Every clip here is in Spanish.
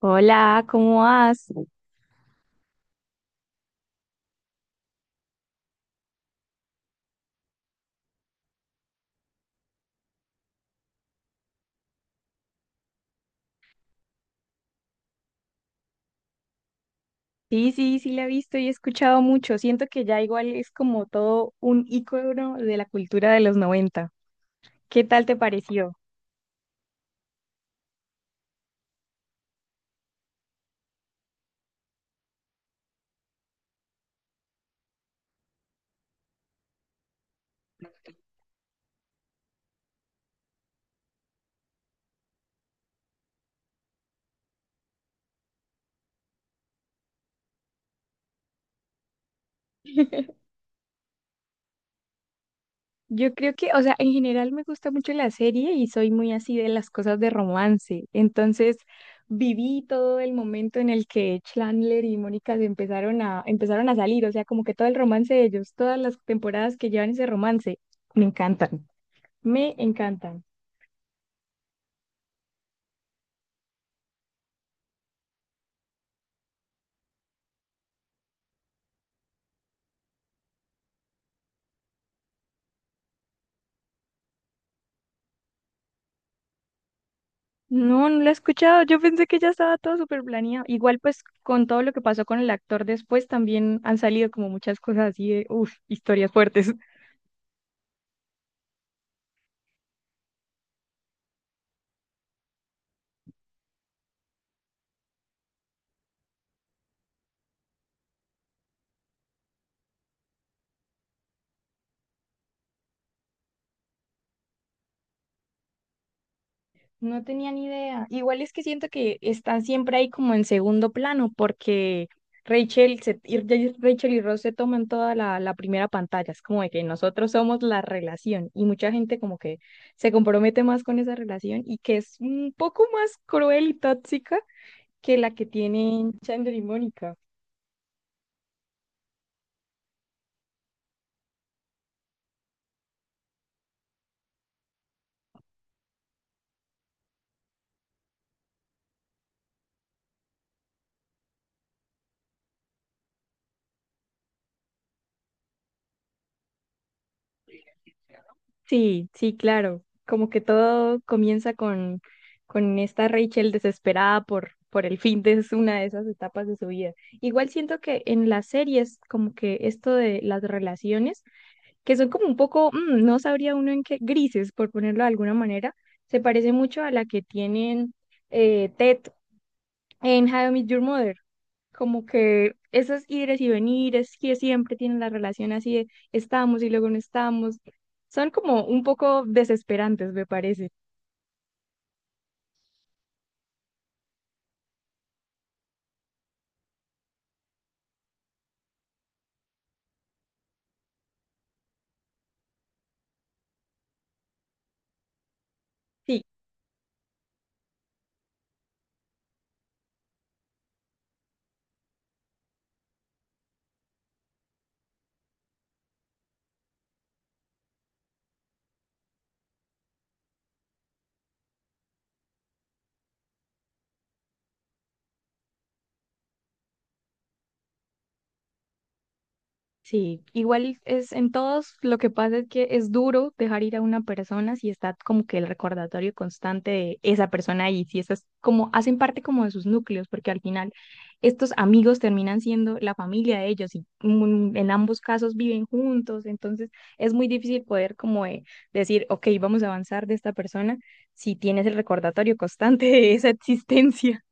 Hola, ¿cómo vas? Sí, sí, sí la he visto y he escuchado mucho. Siento que ya igual es como todo un ícono de la cultura de los 90. ¿Qué tal te pareció? Yo creo que, o sea, en general me gusta mucho la serie y soy muy así de las cosas de romance. Entonces, viví todo el momento en el que Chandler y Mónica empezaron a salir, o sea, como que todo el romance de ellos, todas las temporadas que llevan ese romance, me encantan, me encantan. No, no la he escuchado. Yo pensé que ya estaba todo súper planeado. Igual, pues, con todo lo que pasó con el actor después, también han salido como muchas cosas así de, uff, historias fuertes. No tenía ni idea. Igual es que siento que están siempre ahí como en segundo plano, porque Rachel, Rachel y Ross se toman toda la primera pantalla. Es como de que nosotros somos la relación y mucha gente como que se compromete más con esa relación y que es un poco más cruel y tóxica que la que tienen Chandler y Mónica. Sí, sí, claro. Como que todo comienza con esta Rachel desesperada por el fin de una de esas etapas de su vida. Igual siento que en las series, como que esto de las relaciones, que son como un poco, no sabría uno en qué, grises, por ponerlo de alguna manera, se parece mucho a la que tienen Ted en How I Met Your Mother. Como que esos ires y venires que siempre tienen la relación así de estamos y luego no estamos, son como un poco desesperantes, me parece. Sí. Sí, igual es en todos, lo que pasa es que es duro dejar ir a una persona si está como que el recordatorio constante de esa persona ahí, si esas como hacen parte como de sus núcleos, porque al final estos amigos terminan siendo la familia de ellos y en ambos casos viven juntos, entonces es muy difícil poder como decir, ok, vamos a avanzar de esta persona si tienes el recordatorio constante de esa existencia.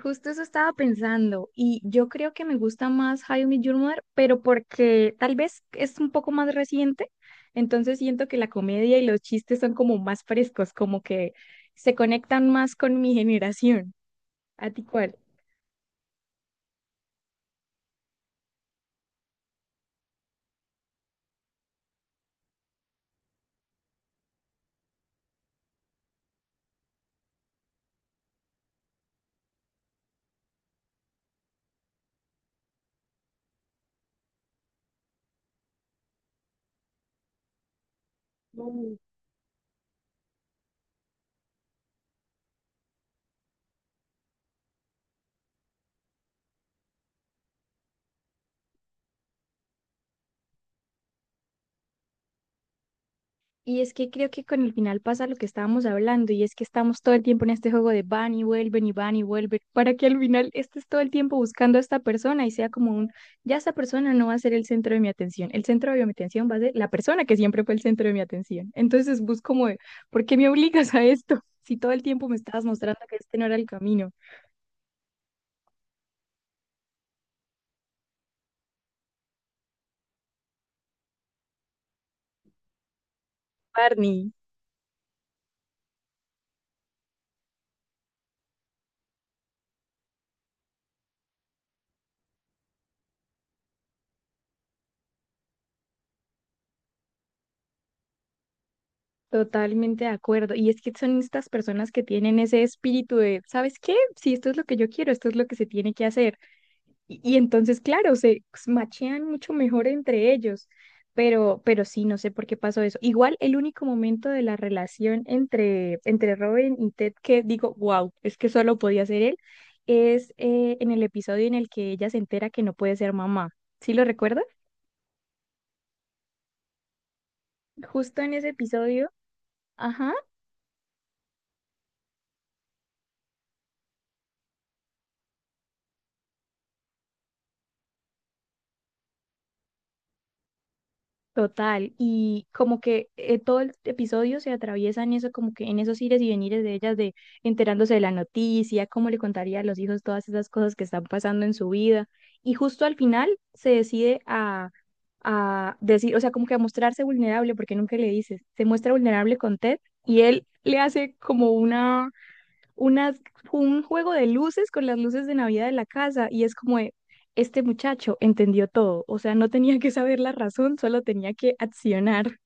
Justo eso estaba pensando y yo creo que me gusta más How I Met Your Mother, pero porque tal vez es un poco más reciente, entonces siento que la comedia y los chistes son como más frescos, como que se conectan más con mi generación. ¿A ti cuál? Y es que creo que con el final pasa lo que estábamos hablando, y es que estamos todo el tiempo en este juego de van y vuelven y van y vuelven, para que al final estés todo el tiempo buscando a esta persona y sea como un, ya esta persona no va a ser el centro de mi atención, el centro de mi atención va a ser la persona que siempre fue el centro de mi atención. Entonces busco como, de, ¿por qué me obligas a esto? Si todo el tiempo me estabas mostrando que este no era el camino. Barney, totalmente de acuerdo. Y es que son estas personas que tienen ese espíritu de, ¿sabes qué? Si esto es lo que yo quiero, esto es lo que se tiene que hacer. Y entonces, claro, se machean mucho mejor entre ellos, pero sí, no sé por qué pasó eso. Igual el único momento de la relación entre Robin y Ted que digo, wow, es que solo podía ser él, es en el episodio en el que ella se entera que no puede ser mamá. ¿Sí lo recuerda? Justo en ese episodio, ajá. Total, y como que todo el episodio se atraviesa en eso, como que en esos ires y venires de ellas, de enterándose de la noticia, cómo le contaría a los hijos todas esas cosas que están pasando en su vida. Y justo al final a decir, o sea, como que a mostrarse vulnerable, porque nunca le dices, se muestra vulnerable con Ted y él le hace como unas, un juego de luces con las luces de Navidad de la casa y es como de, este muchacho entendió todo, o sea, no tenía que saber la razón, solo tenía que accionar.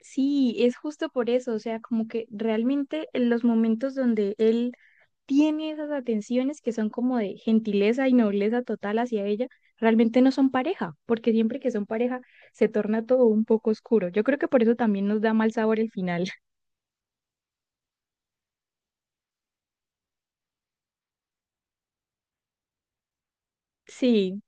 Sí, es justo por eso, o sea, como que realmente en los momentos donde él tiene esas atenciones que son como de gentileza y nobleza total hacia ella, realmente no son pareja, porque siempre que son pareja se torna todo un poco oscuro. Yo creo que por eso también nos da mal sabor el final. Sí,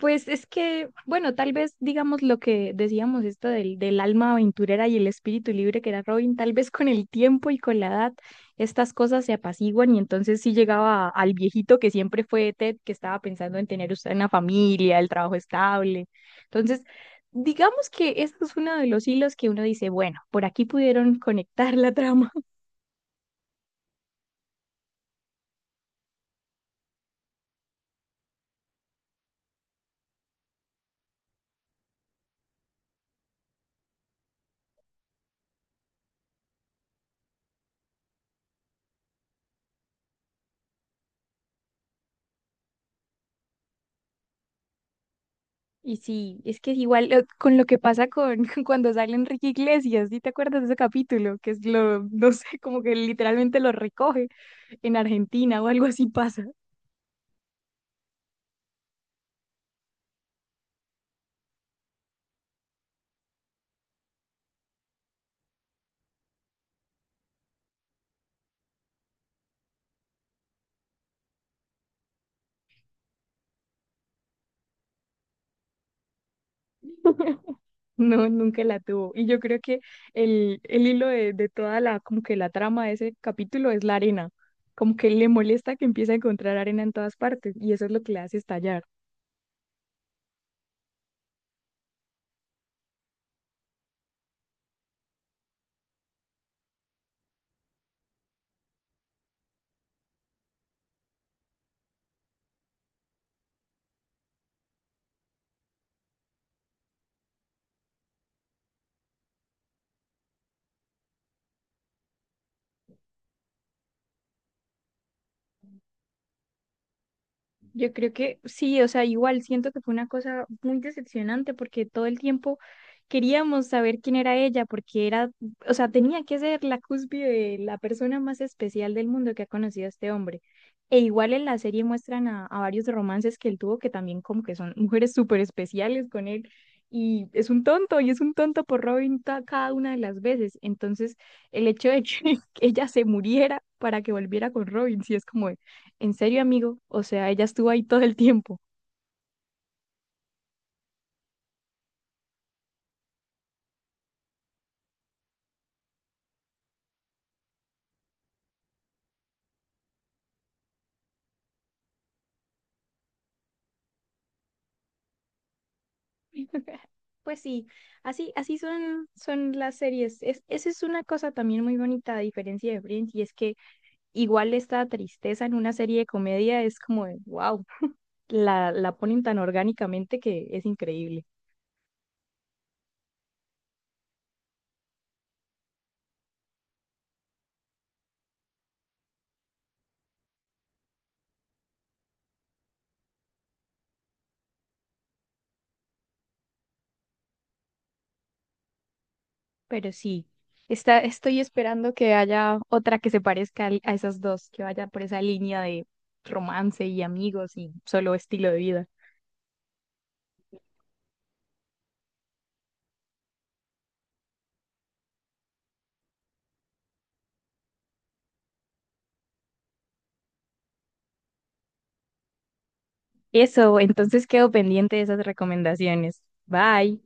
pues es que, bueno, tal vez digamos lo que decíamos esto del alma aventurera y el espíritu libre que era Robin, tal vez con el tiempo y con la edad estas cosas se apaciguan y entonces sí llegaba al viejito que siempre fue Ted, que estaba pensando en tener usted una familia, el trabajo estable. Entonces, digamos que ese es uno de los hilos que uno dice, bueno, por aquí pudieron conectar la trama. Y sí, es que es igual con lo que pasa con cuando sale Enrique Iglesias, ¿sí te acuerdas de ese capítulo? Que es lo, no sé, como que literalmente lo recoge en Argentina o algo así pasa. No, nunca la tuvo. Y yo creo que el hilo de toda como que la trama de ese capítulo es la arena. Como que le molesta que empiece a encontrar arena en todas partes y eso es lo que le hace estallar. Yo creo que sí, o sea, igual siento que fue una cosa muy decepcionante porque todo el tiempo queríamos saber quién era ella, porque era, o sea, tenía que ser la cúspide de la persona más especial del mundo que ha conocido a este hombre. E igual en la serie muestran a varios romances que él tuvo, que también como que son mujeres súper especiales con él. Y es un tonto, y es un tonto por Robin cada una de las veces. Entonces, el hecho de que ella se muriera para que volviera con Robin, sí es como, en serio, amigo, o sea, ella estuvo ahí todo el tiempo. Pues sí, así, así son, son las series. Es, esa es una cosa también muy bonita, a diferencia de Friends, y es que igual esta tristeza en una serie de comedia es como de, wow, la ponen tan orgánicamente que es increíble. Pero sí, estoy esperando que haya otra que se parezca a esas dos, que vaya por esa línea de romance y amigos y solo estilo de vida. Eso, entonces quedo pendiente de esas recomendaciones. Bye.